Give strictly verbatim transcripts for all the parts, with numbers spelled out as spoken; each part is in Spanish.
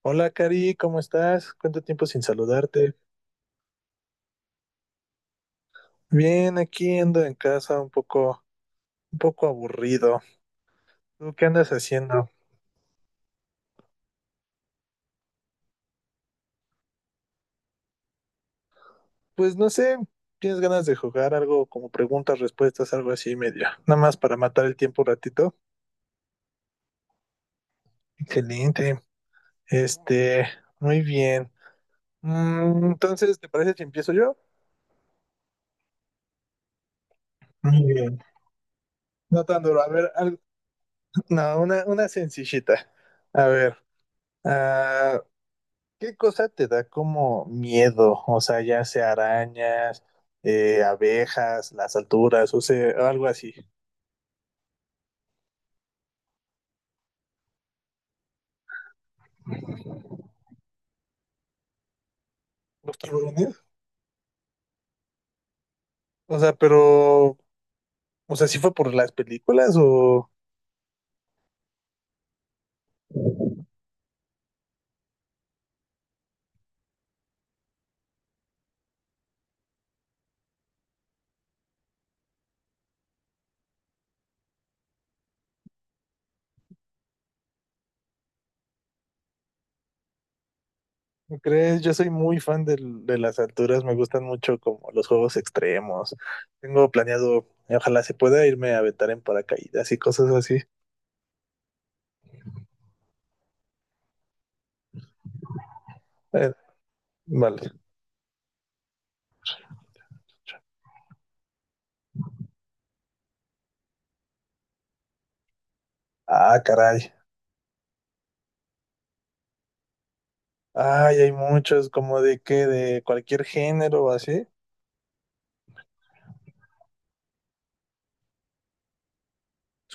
Hola Cari, ¿cómo estás? ¿Cuánto tiempo sin saludarte? Bien, aquí ando en casa un poco, un poco aburrido. ¿Tú qué andas haciendo? Pues no sé, ¿tienes ganas de jugar algo como preguntas, respuestas, algo así medio? Nada más para matar el tiempo un ratito. Excelente. Este, Muy bien. Mm, entonces, ¿te parece si empiezo yo? Muy bien. No tan duro. A ver, al- no, una, una sencillita. A ver, ah, ¿qué cosa te da como miedo? O sea, ya sea arañas, eh, abejas, las alturas, o sea, algo así. ¿Los tiburones? O sea, pero, o sea, ¿sí fue por las películas o o crees? Yo soy muy fan del- de, las alturas, me gustan mucho como los juegos extremos. Tengo planeado, ojalá se pueda irme a aventar en paracaídas y cosas así. Eh, vale. Ah, caray. Ay, hay muchos, como de qué, de cualquier género o así.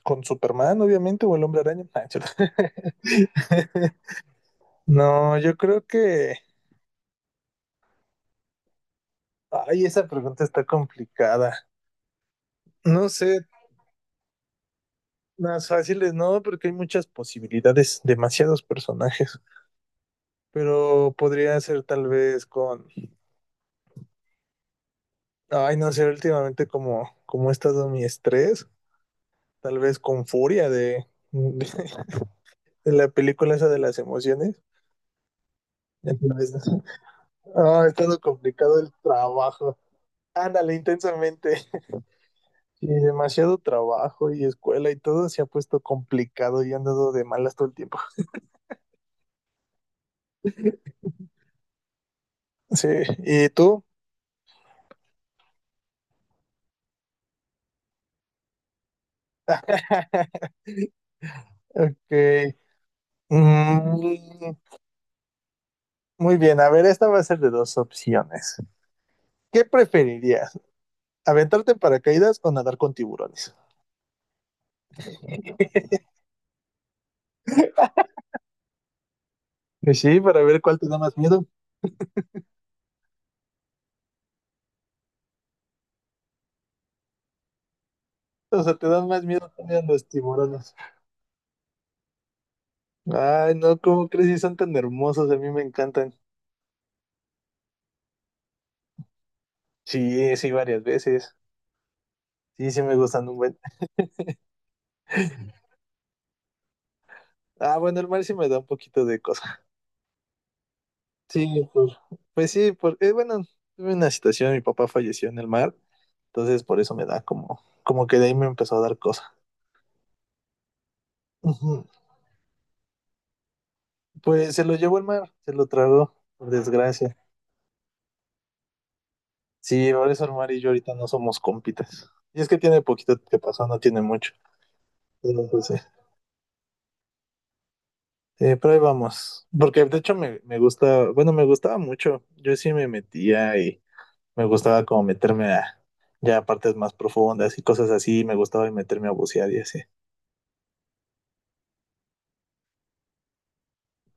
Con Superman, obviamente, o el Hombre Araña. Ah, cierto. No, yo creo que... Ay, esa pregunta está complicada. No sé, más fáciles no, porque hay muchas posibilidades, demasiados personajes. Pero podría ser tal vez con... Ay, no sé, últimamente como, como he estado mi estrés, tal vez con furia de, de, de la película esa de las emociones. Ya. Ah, ha estado complicado el trabajo. Ándale, intensamente. Sí, demasiado trabajo y escuela y todo se ha puesto complicado y he andado de malas todo el tiempo. Sí, ¿y tú? Ok. Mm, Muy bien, a ver, esta va a ser de dos opciones. ¿Qué preferirías? ¿Aventarte en paracaídas o nadar con tiburones? Pues sí, para ver cuál te da más miedo. O sea, te dan más miedo también los tiburones. Ay, no, ¿cómo crees? Sí, son tan hermosos, a mí me encantan. Sí, sí, varias veces. Sí, sí, me gustan un buen. Ah, bueno, el mar sí me da un poquito de cosa. Sí, por- pues sí, porque, bueno, tuve una situación, mi papá falleció en el mar, entonces por eso me da como, como que de ahí me empezó a dar cosa. Ujú. Pues se lo llevó el mar, se lo tragó, por desgracia. Sí, por eso el mar y yo ahorita no somos compitas. Y es que tiene poquito que pasó, no tiene mucho. Pero, pues, sí. Eh, pero ahí vamos. Porque de hecho me, me gusta, bueno, me gustaba mucho. Yo sí me metía. Me gustaba como meterme a ya a partes más profundas y cosas así, me gustaba y meterme a bucear y así.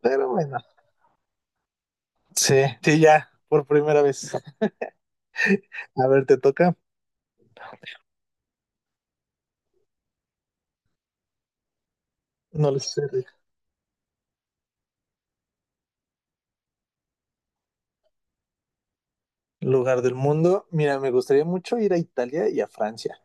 Pero bueno, sí, sí, ya, por primera vez. A ver, te toca. No lo sé. Lugar del mundo. Mira, me gustaría mucho ir a Italia y a Francia.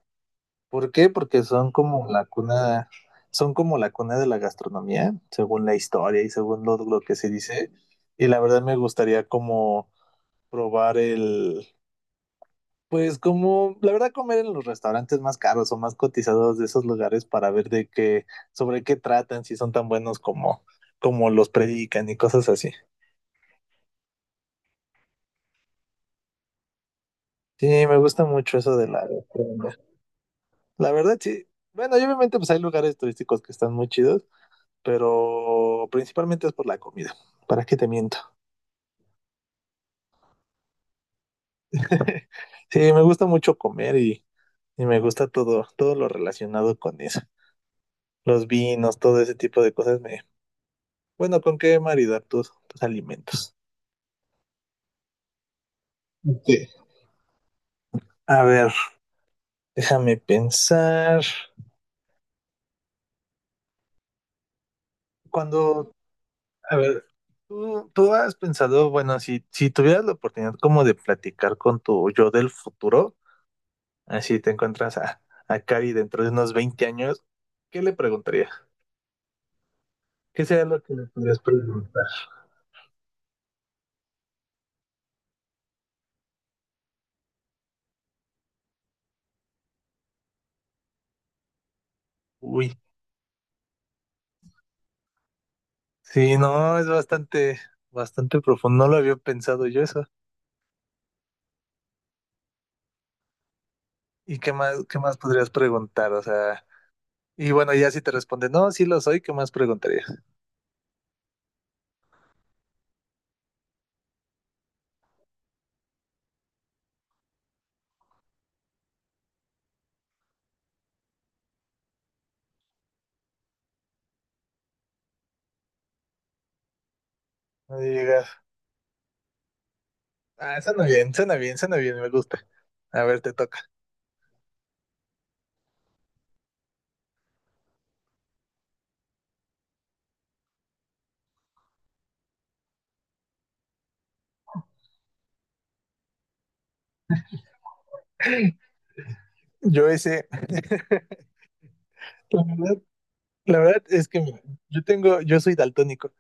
¿Por qué? Porque son como la cuna, son como la cuna de la gastronomía, según la historia y según lo, lo que se dice. Y la verdad me gustaría como probar el, pues como la verdad comer en los restaurantes más caros o más cotizados de esos lugares para ver de qué, sobre qué tratan, si son tan buenos como, como los predican y cosas así. Sí, me gusta mucho eso de la gastronomía. La verdad, sí. Bueno, y obviamente pues hay lugares turísticos que están muy chidos, pero principalmente es por la comida. ¿Para qué te miento? Sí, me gusta mucho comer y, y me gusta todo, todo lo relacionado con eso. Los vinos, todo ese tipo de cosas me, bueno, ¿con qué maridar tus, tus alimentos? Ok. A ver, déjame pensar. Cuando, a ver, tú, tú has pensado, bueno, si, si tuvieras la oportunidad como de platicar con tu yo del futuro, así te encuentras a, a Cari dentro de unos veinte años, ¿qué le preguntaría? ¿Qué sería lo que le podrías preguntar? Uy, sí, no, es bastante, bastante profundo. No lo había pensado yo eso. ¿Y qué más, qué más podrías preguntar? O sea, y bueno, ya si te responde, no, sí lo soy, ¿qué más preguntarías? No. Ah, suena bien, suena bien, suena bien, me gusta. A ver, te toca. Yo ese, la verdad, la verdad es que mira, yo tengo, yo soy daltónico,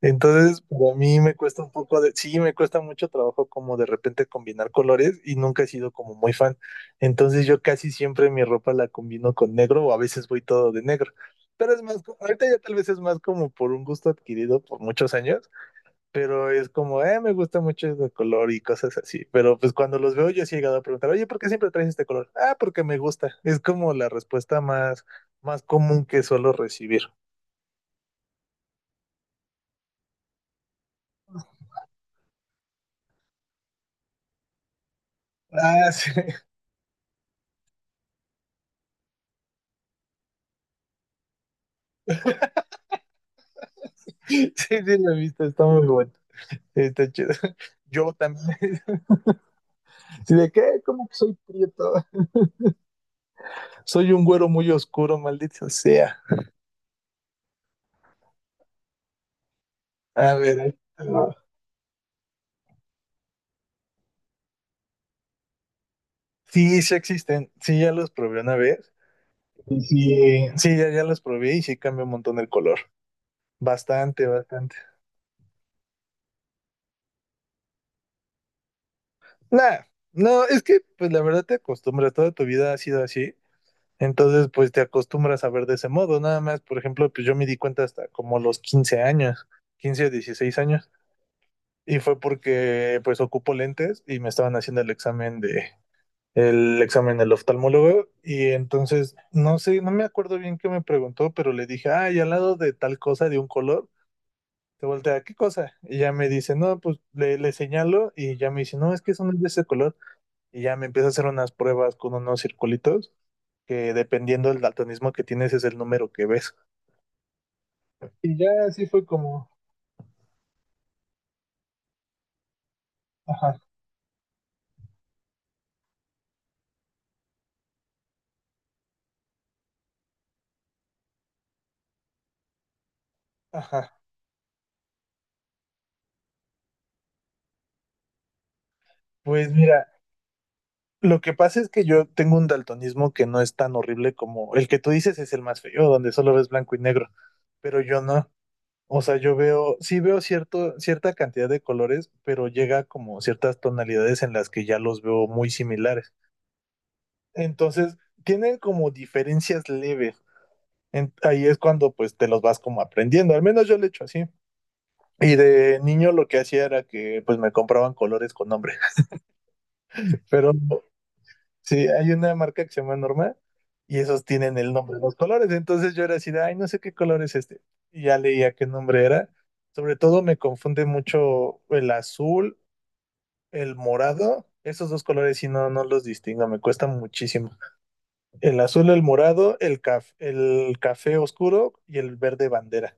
entonces para mí me cuesta un poco de, sí, me cuesta mucho trabajo como de repente combinar colores y nunca he sido como muy fan. Entonces yo casi siempre mi ropa la combino con negro o a veces voy todo de negro. Pero es más, co- ahorita ya tal vez es más como por un gusto adquirido por muchos años. Pero es como, eh, me gusta mucho este color y cosas así. Pero pues cuando los veo yo sí he llegado a preguntar, oye, ¿por qué siempre traes este color? Ah, porque me gusta. Es como la respuesta más, más común que suelo recibir. Ah, sí, sí, sí, la he visto, está muy bueno. Sí, está chido. Yo también. Sí, ¿de qué? ¿Cómo que soy prieto? Soy un güero muy oscuro, maldito sea. A ver. Ahí te va. Sí, sí existen. Sí, ya los probé una vez. Y sí, sí, ya, ya los probé y sí cambia un montón el color. Bastante, bastante. Nah, no, es que pues la verdad te acostumbras, toda tu vida ha sido así, entonces pues te acostumbras a ver de ese modo, nada más, por ejemplo, pues yo me di cuenta hasta como los quince años, quince o dieciséis años, y fue porque pues ocupo lentes y me estaban haciendo el examen de, el examen del oftalmólogo, y entonces, no sé, no me acuerdo bien qué me preguntó, pero le dije, ay, al lado de tal cosa de un color. Se voltea, ¿qué cosa? Y ya me dice, no, pues le, le señalo y ya me dice, no, es que eso no es de ese color. Y ya me empiezo a hacer unas pruebas con unos circulitos que dependiendo del daltonismo que tienes es el número que ves. Y ya así fue como, ajá, ajá. Pues mira, lo que pasa es que yo tengo un daltonismo que no es tan horrible como el que tú dices es el más feo, donde solo ves blanco y negro, pero yo no. O sea, yo veo, sí veo cierto, cierta cantidad de colores, pero llega como ciertas tonalidades en las que ya los veo muy similares. Entonces, tienen como diferencias leves, En- ahí es cuando pues te los vas como aprendiendo, al menos yo lo he hecho así. Y de niño lo que hacía era que pues me compraban colores con nombre, pero sí, hay una marca que se llama Norma y esos tienen el nombre de los colores, entonces yo era así de, ay, no sé qué color es este, y ya leía qué nombre era. Sobre todo me confunde mucho el azul, el morado, esos dos colores si no, no los distingo, me cuesta muchísimo. El azul, el morado, el caf- el café oscuro y el verde bandera.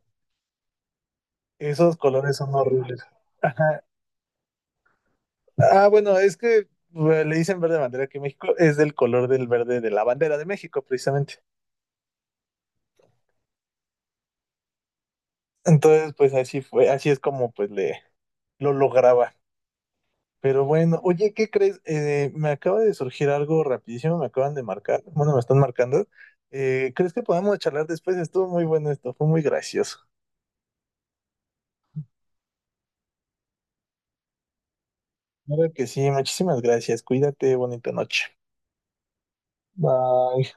Esos colores son horribles. Ajá. Ah, bueno, es que bueno, le dicen verde bandera, que México es del color del verde de la bandera de México, precisamente. Entonces, pues así fue, así es como pues le lo lograba. Pero bueno, oye, ¿qué crees? Eh, me acaba de surgir algo rapidísimo, me acaban de marcar, bueno, me están marcando. Eh, ¿crees que podamos charlar después? Estuvo muy bueno esto, fue muy gracioso. Claro que sí, muchísimas gracias. Cuídate, bonita noche. Bye.